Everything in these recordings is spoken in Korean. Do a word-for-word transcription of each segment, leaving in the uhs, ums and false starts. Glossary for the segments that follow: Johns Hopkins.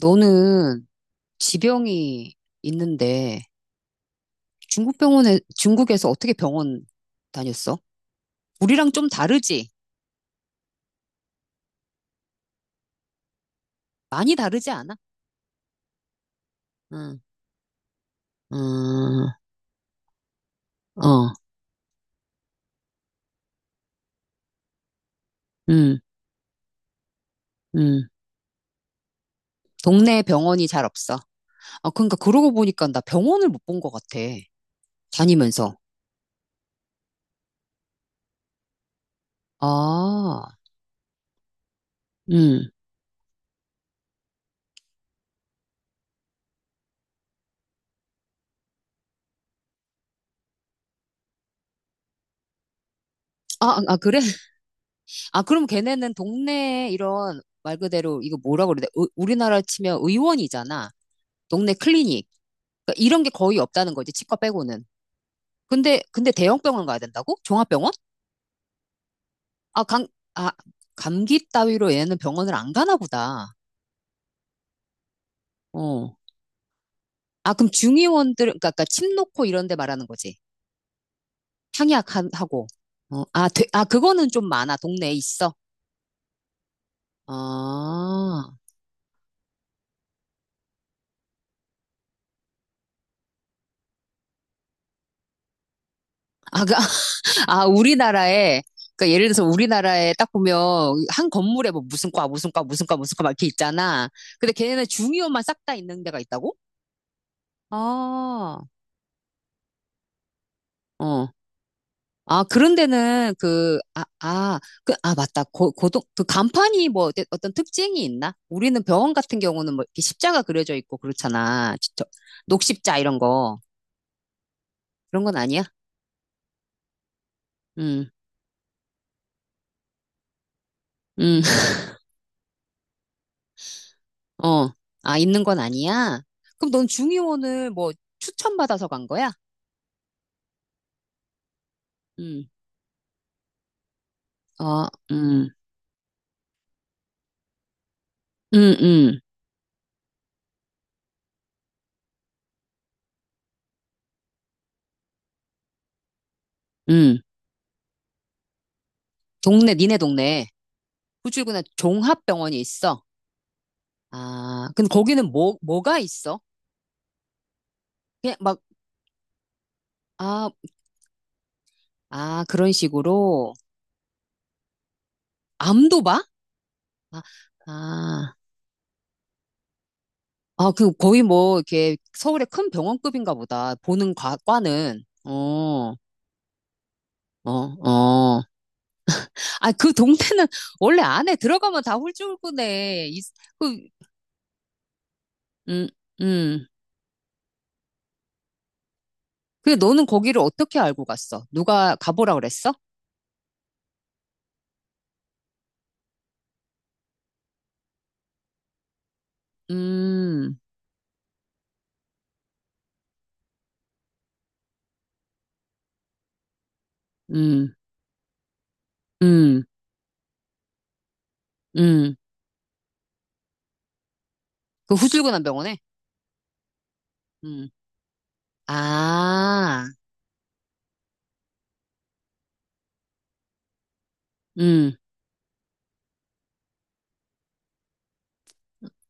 너는 지병이 있는데 중국 병원에, 중국에서 어떻게 병원 다녔어? 우리랑 좀 다르지? 많이 다르지 않아? 응, 음, 어, 음, 음. 동네 병원이 잘 없어. 아, 그러니까 그러고 보니까 나 병원을 못 본 것 같아. 다니면서. 아, 음. 아, 아, 아, 그래? 아, 그럼 걔네는 동네 이런 말 그대로 이거 뭐라 그래? 우리나라 치면 의원이잖아. 동네 클리닉. 그러니까 이런 게 거의 없다는 거지, 치과 빼고는. 근데, 근데 대형병원 가야 된다고? 종합병원? 아, 감, 아, 감기 따위로 얘는 병원을 안 가나 보다. 어. 아, 그럼 중의원들, 그러니까, 그러니까 침 놓고 이런 데 말하는 거지. 향약하고. 어, 아, 되, 아, 그거는 좀 많아. 동네에 있어. 아, 아, 그, 아, 우리나라에, 그러니까 예를 들어서 우리나라에 딱 보면 한 건물에 뭐 무슨 과, 무슨 과, 무슨 과, 무슨 과 막 이렇게 있잖아. 근데 걔네는 중의원만 싹 다 있는 데가 있다고? 아, 어. 아, 그런 데는 그, 아, 아, 그, 아, 맞다. 고, 고동, 그 간판이 뭐 어때- 어떤 특징이 있나? 우리는 병원 같은 경우는 뭐 이렇게 십자가 그려져 있고 그렇잖아. 진짜 녹십자 이런 거. 그런 건 아니야? 음, 음, 어. 아, 있는 건 아니야? 그럼 넌 중의원을 뭐 추천받아서 간 거야? 음, 어, 음, 음, 음, 음. 동네, 니네 동네. 후출구나 종합병원이 있어. 아, 근데 거기는 뭐, 뭐가 있어? 그냥 막, 아, 아, 그런 식으로. 암도 봐? 아, 아, 아, 그 거의 뭐, 이렇게 서울의 큰 병원급인가 보다. 보는 과, 과는. 어, 어, 어. 아, 그 동네는 원래 안에 들어가면 다 홀쭉이네. 이- 그, 음, 음. 근데 너는 거기를 어떻게 알고 갔어? 누가 가보라 그랬어? 음, 음, 음, 음. 그 후줄근한 병원에? 음. 아, 음.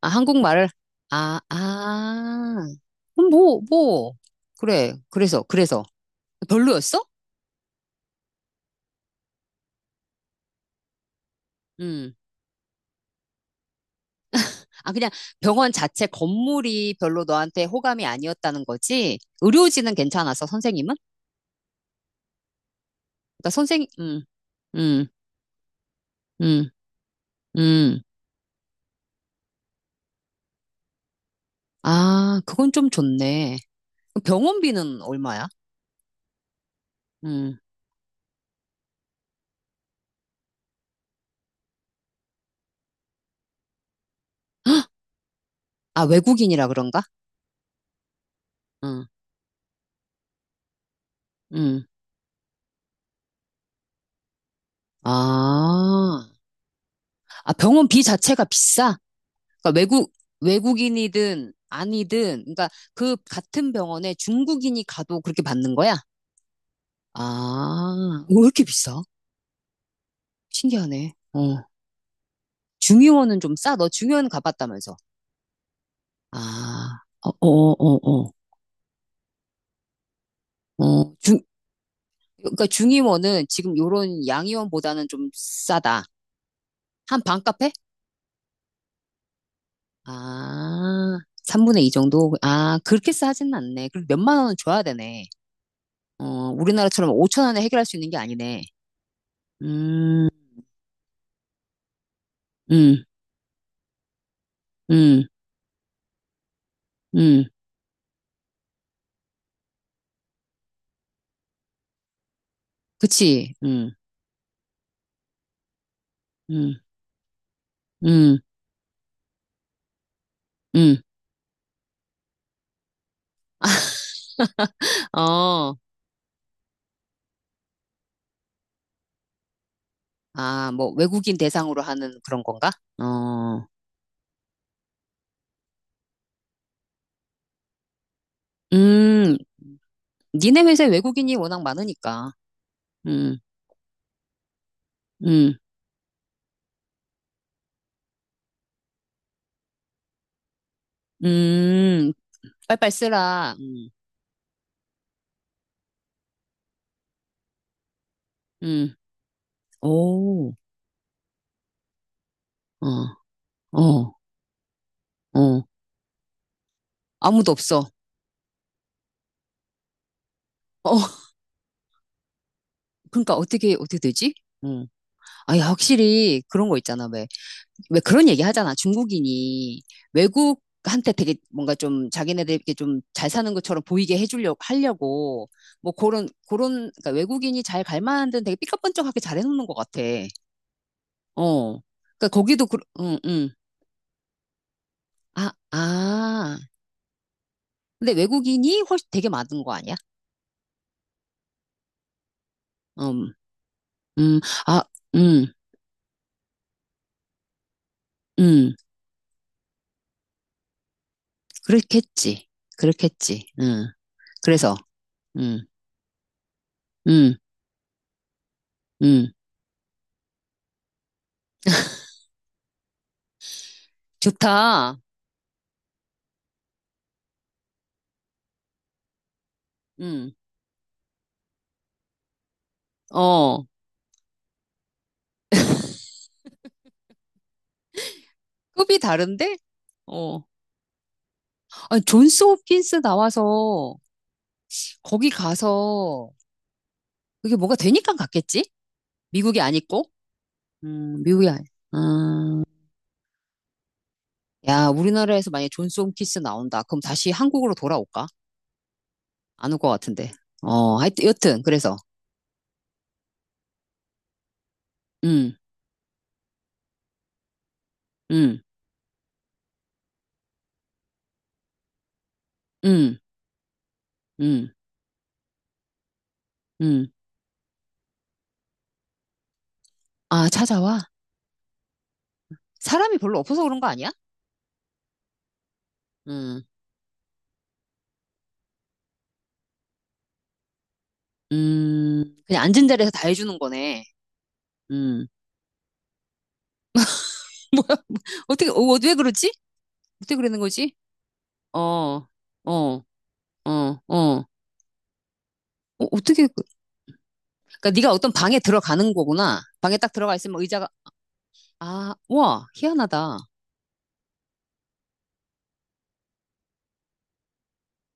아, 한국말을, 아, 아, 그럼 뭐, 뭐, 그래, 그래서, 그래서, 별로였어? 음, 아, 그냥 병원 자체 건물이 별로 너한테 호감이 아니었다는 거지? 의료진은 괜찮았어, 선생님은? 그러니까 선생, 음, 음, 음, 음, 아, 그건 좀 좋네. 그럼 병원비는 얼마야? 음, 아, 외국인이라 그런가? 음, 음, 아, 아, 병원비 자체가 비싸? 그러니까 외국, 외국인이든 아니든, 그러니까 그 같은 병원에 중국인이 가도 그렇게 받는 거야? 아, 왜 이렇게 비싸? 신기하네. 어. 중의원은 좀 싸? 너 중의원 가봤다면서. 아, 어, 어, 어, 어. 어, 중, 그러니까 중의원은 지금 요런 양의원보다는 좀 싸다. 한 반값에? 아, 삼분의 이 정도? 아, 그렇게 싸진 않네. 그럼 몇만 원은 줘야 되네. 어, 우리나라처럼 오천 원에 해결할 수 있는 게 아니네. 음, 음. 음, 음, 그치, 음, 음, 음, 음, 어, 아, 뭐, 외국인 대상으로 하는 그런 건가? 어, 음, 니네 회사에 외국인이 워낙 많으니까, 음, 음, 음, 빨빨 쓰라, 음, 오, 어, 어, 어, 아무도 없어. 어, 그러니까 어떻게, 어떻게 되지? 음, 아, 확실히 그런 거 있잖아, 왜. 왜 그런 얘기 하잖아. 중국인이 외국한테 되게 뭔가 좀 자기네들 이렇게 좀 잘 사는 것처럼 보이게 해주려고 하려고 뭐 그런 그런 그러니까 외국인이 잘 갈 만한 데는 되게 삐까뻔쩍하게 잘 해놓는 것 같아. 어. 그러니까 거기도 그, 응, 응. 아, 아. 근데 외국인이 훨씬 되게 많은 거 아니야? 음, 음, 아, 음, 음. 그렇겠지. 그렇겠지. 음 그래서, 음, 음, 음. 좋다. 음, 어. 급이 다른데? 어. 아니, 존스 홉킨스 나와서 거기 가서 그게 뭐가 되니까 갔겠지? 미국이 아니고? 음, 미국이 아니. 음, 야, 우리나라에서 만약에 존스 홉킨스 나온다. 그럼 다시 한국으로 돌아올까? 안 올 것 같은데. 어, 하여튼, 여튼, 그래서. 음, 음, 음, 음, 음. 아, 찾아와? 사람이 별로 없어서 그런 거 아니야? 음, 음. 그냥 앉은 자리에서 다 해주는 거네. 음. 뭐야? 어떻게, 어, 왜 그러지? 어떻게 그러는 거지? 어, 어, 어, 어. 어, 어떻게, 그- 그러니까 네가 어떤 방에 들어가는 거구나. 방에 딱 들어가 있으면 의자가, 아, 와, 희한하다.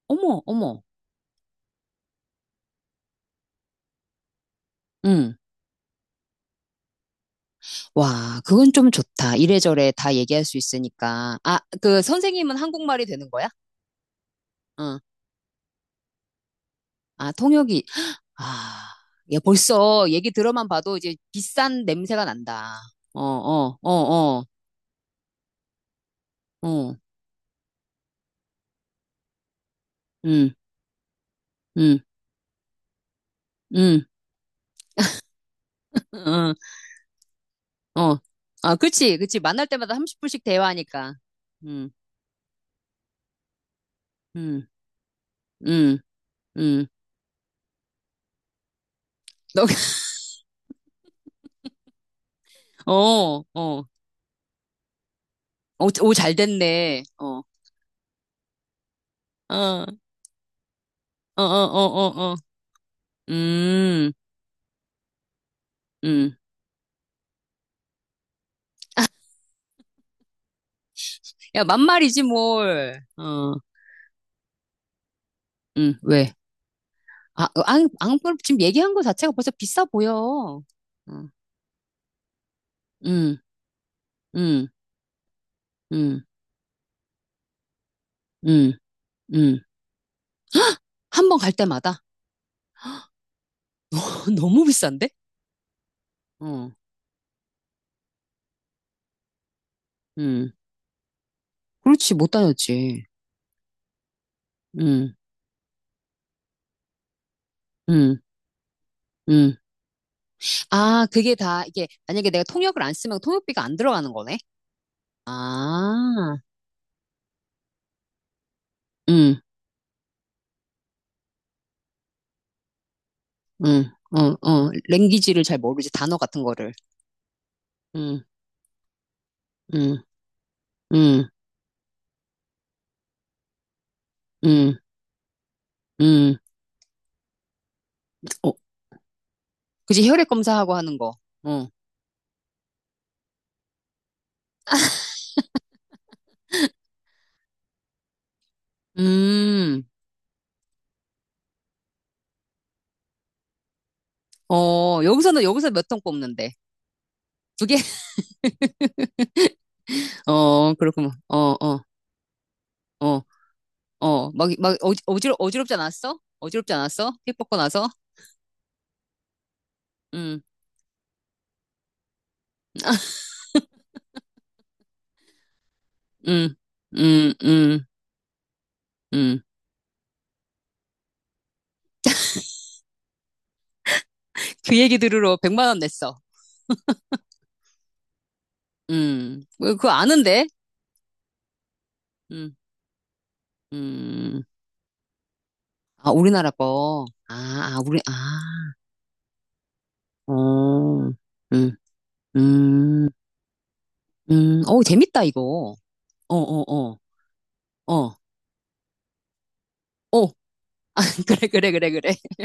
어머, 어머. 응. 와, 그건 좀 좋다. 이래저래 다 얘기할 수 있으니까. 아, 그 선생님은 한국말이 되는 거야? 응. 아, 통역이. 아, 야, 벌써 얘기 들어만 봐도 이제 비싼 냄새가 난다. 어, 어, 어, 어, 어. 응, 응, 응, 응. 어. 아, 그치, 그치. 만날 때마다 삼십 분씩 대화하니까. 음, 음, 음, 음. 너, 어, 어. 오, 오, 잘 됐네. 어, 어, 어, 어, 어, 어. 어. 음, 음. 야, 만말이지, 뭘. 어, 음, 왜? 아, 어, 앙, 앙, 지금 얘기한 거 자체가 벌써 비싸 보여. 어, 음, 음, 음, 음, 음. 한 번 갈 때마다? 너무 비싼데? 어, 음. 그렇지, 못 다녔지. 음, 음, 음. 아, 그게 다, 이게, 만약에 내가 통역을 안 쓰면 통역비가 안 들어가는 거네? 아, 응, 응, 어, 어, 랭귀지를 잘 모르지, 단어 같은 거를. 응, 응, 응, 응, 응. 어, 그지, 혈액 검사하고 하는 거. 어, 음, 어, 여기서는, 여기서 몇 통 뽑는데? 두 개? 어, 그렇구만. 어, 어, 어, 어, 막, 막, 어, 어지러, 어지럽지 않았어? 어지럽지 않았어? 피 뽑고 나서? 응, 응, 응, 응, 응. 그 얘기 들으러 백만 원 냈어. 음, 왜 그거 아는데? 음, 음. 아, 우리나라 거. 아, 아, 우리, 아, 어, 음, 음, 음. 어, 재밌다, 이거. 어, 어, 어, 어, 어. 그래, 그래, 그래, 그래.